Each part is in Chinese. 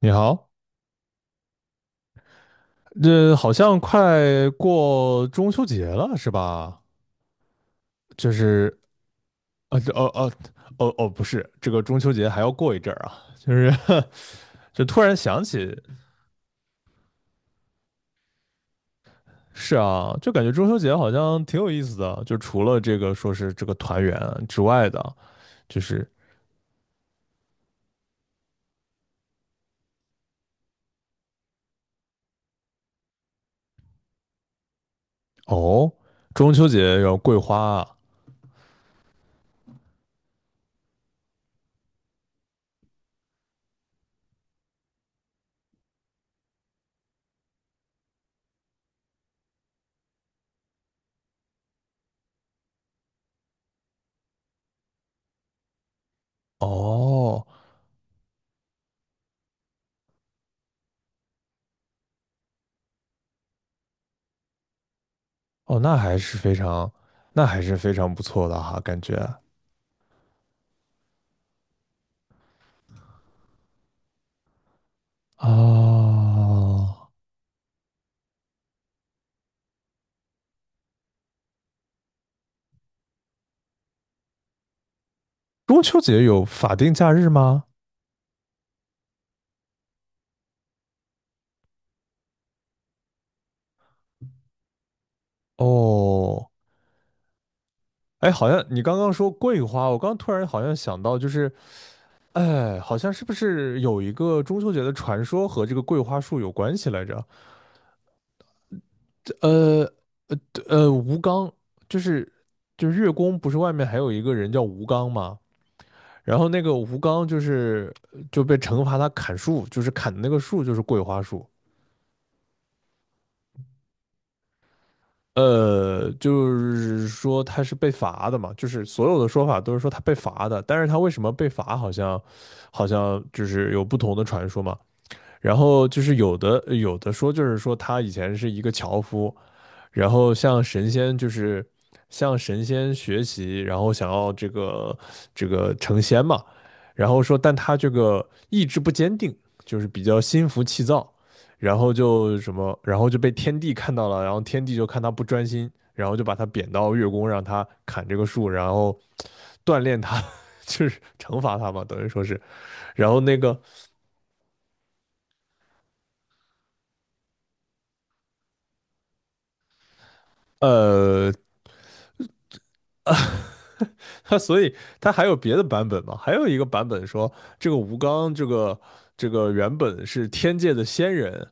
你好，这好像快过中秋节了，是吧？就是啊，这哦哦，不是，这个中秋节还要过一阵儿啊，就是 就突然想起，是啊，就感觉中秋节好像挺有意思的，就除了这个说是这个团圆之外的，就是哦，中秋节有桂花啊，哦哦，那还是非常，那还是非常不错的哈，感觉啊。中秋节有法定假日吗？哦，哎，好像你刚刚说桂花，我刚突然好像想到，就是，哎，好像是不是有一个中秋节的传说和这个桂花树有关系来着？呃呃，吴刚，就是就是月宫不是外面还有一个人叫吴刚吗？然后那个吴刚就是就被惩罚他砍树，就是砍的那个树就是桂花树。呃，就是说他是被罚的嘛，就是所有的说法都是说他被罚的，但是他为什么被罚，好像好像就是有不同的传说嘛。然后就是有的有的说就是说他以前是一个樵夫，然后向神仙就是向神仙学习，然后想要这个这个成仙嘛。然后说，但他这个意志不坚定，就是比较心浮气躁，然后就什么，然后就被天帝看到了，然后天帝就看他不专心，然后就把他贬到月宫，让他砍这个树，然后锻炼他，就是惩罚他嘛，等于说是。然后那个呃，所以它还有别的版本吗？还有一个版本说，这个吴刚这个这个原本是天界的仙人，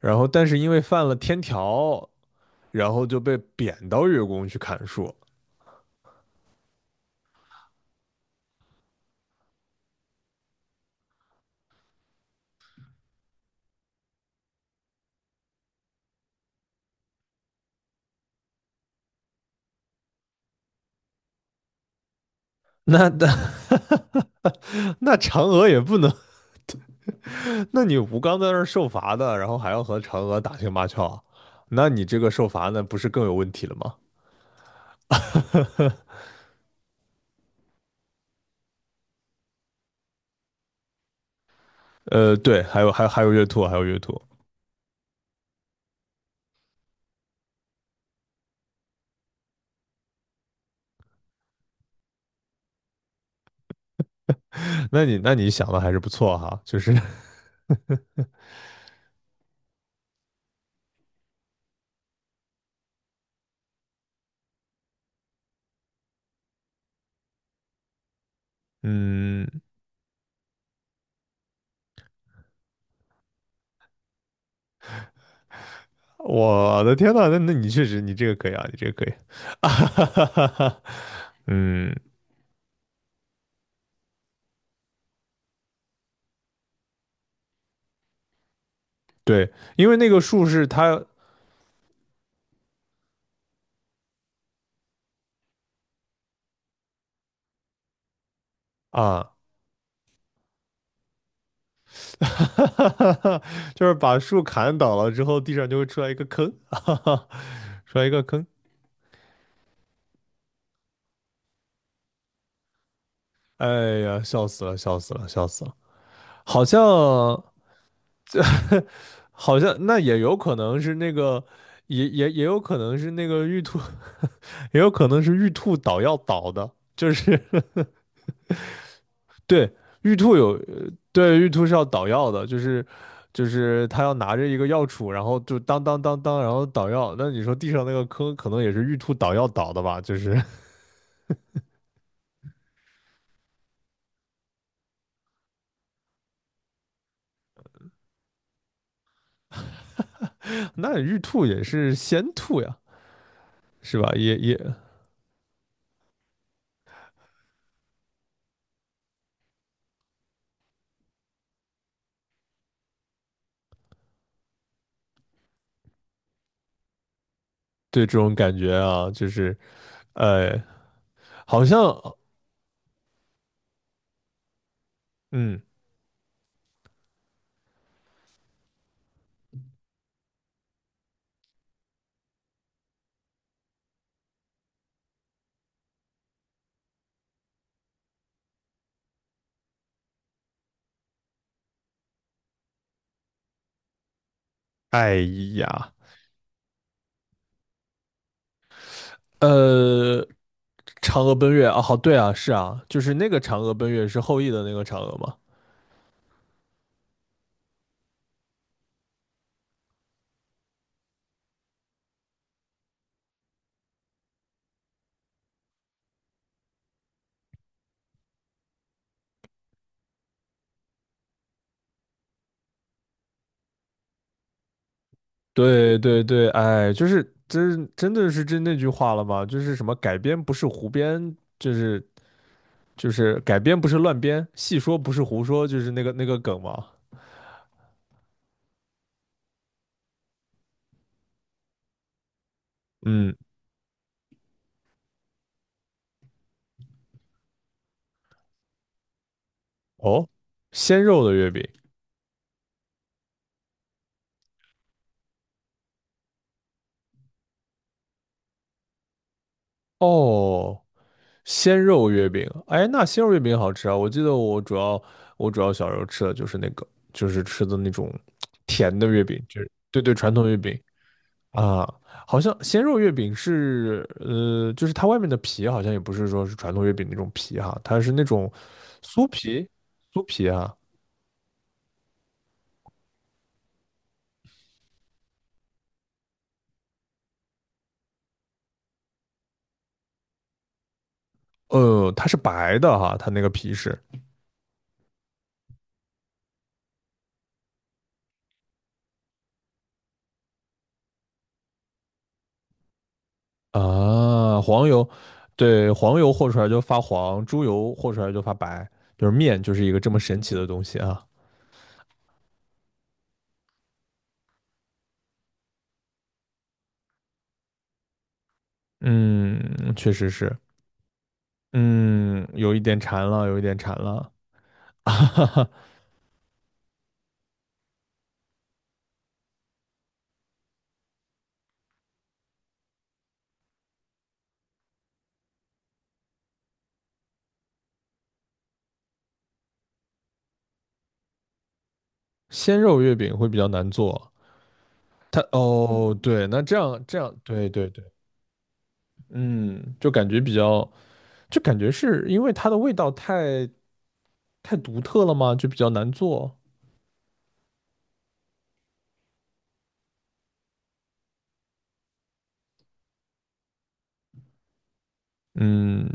然后但是因为犯了天条，然后就被贬到月宫去砍树。那那 那嫦娥也不能，那你吴刚在那儿受罚的，然后还要和嫦娥打情骂俏啊，那你这个受罚那不是更有问题了吗？呃，对，还有还有还有月兔，还有月兔，那你那你想的还是不错哈，就是 嗯。我的天呐，那那你确实，你这个可以啊，你这个可以，啊哈哈哈哈，嗯，对，因为那个树是它啊，哈哈哈哈，就是把树砍倒了之后，地上就会出来一个坑，哈哈，出来一个坑，哎呀，笑死了，笑死了，笑死了，好像好像那也有可能是那个，也也也有可能是那个玉兔，也有可能是玉兔倒要倒的，就是对，玉兔有，呃对，玉兔是要捣药的，就是就是他要拿着一个药杵，然后就当当当当，然后捣药。那你说地上那个坑，可能也是玉兔捣药捣的吧？就是 那玉兔也是仙兔呀，是吧？也也对这种感觉啊，就是呃，好像嗯，哎呀，呃。嫦娥奔月啊，好，对啊，是啊，就是那个嫦娥奔月是后羿的那个嫦娥吗？对对对，哎，就是真真的是真那句话了吗？就是什么改编不是胡编，就是就是改编不是乱编，戏说不是胡说，就是那个那个梗嘛。嗯，哦，鲜肉的月饼，哦，鲜肉月饼，哎，那鲜肉月饼好吃啊！我记得我主要我主要小时候吃的就是那个，就是吃的那种甜的月饼，就是对对传统月饼。啊，好像鲜肉月饼是，呃，就是它外面的皮好像也不是说是传统月饼那种皮哈，它是那种酥皮，酥皮啊，呃，它是白的哈，它那个皮是啊，黄油，对，黄油和出来就发黄，猪油和出来就发白，就是面就是一个这么神奇的东西啊，嗯，确实是，嗯，有一点馋了，有一点馋了，哈哈哈，鲜肉月饼会比较难做他哦，对，那这样这样，对对对，嗯，就感觉比较，就感觉是因为它的味道太太独特了嘛，就比较难做，嗯，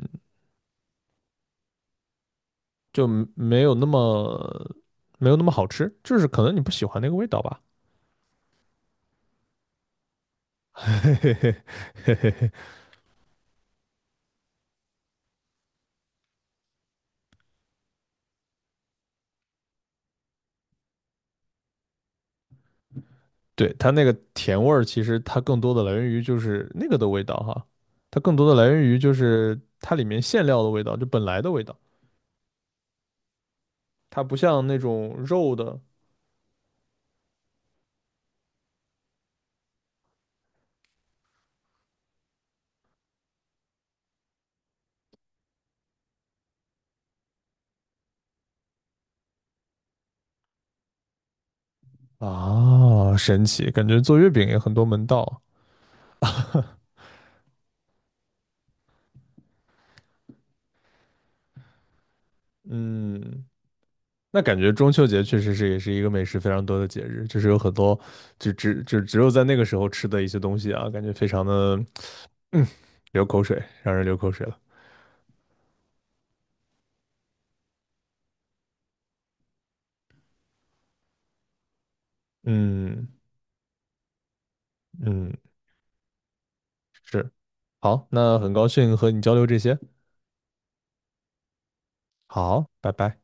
就没没有那么没有那么好吃，就是可能你不喜欢那个味道吧。对，它那个甜味儿，其实它更多的来源于就是那个的味道哈，它更多的来源于就是它里面馅料的味道，就本来的味道，它不像那种肉的啊，神奇，感觉做月饼也很多门道。嗯，那感觉中秋节确实是也是一个美食非常多的节日，就是有很多就只就只有在那个时候吃的一些东西啊，感觉非常的嗯流口水，让人流口水了。嗯嗯，是，好，那很高兴和你交流这些，好，拜拜。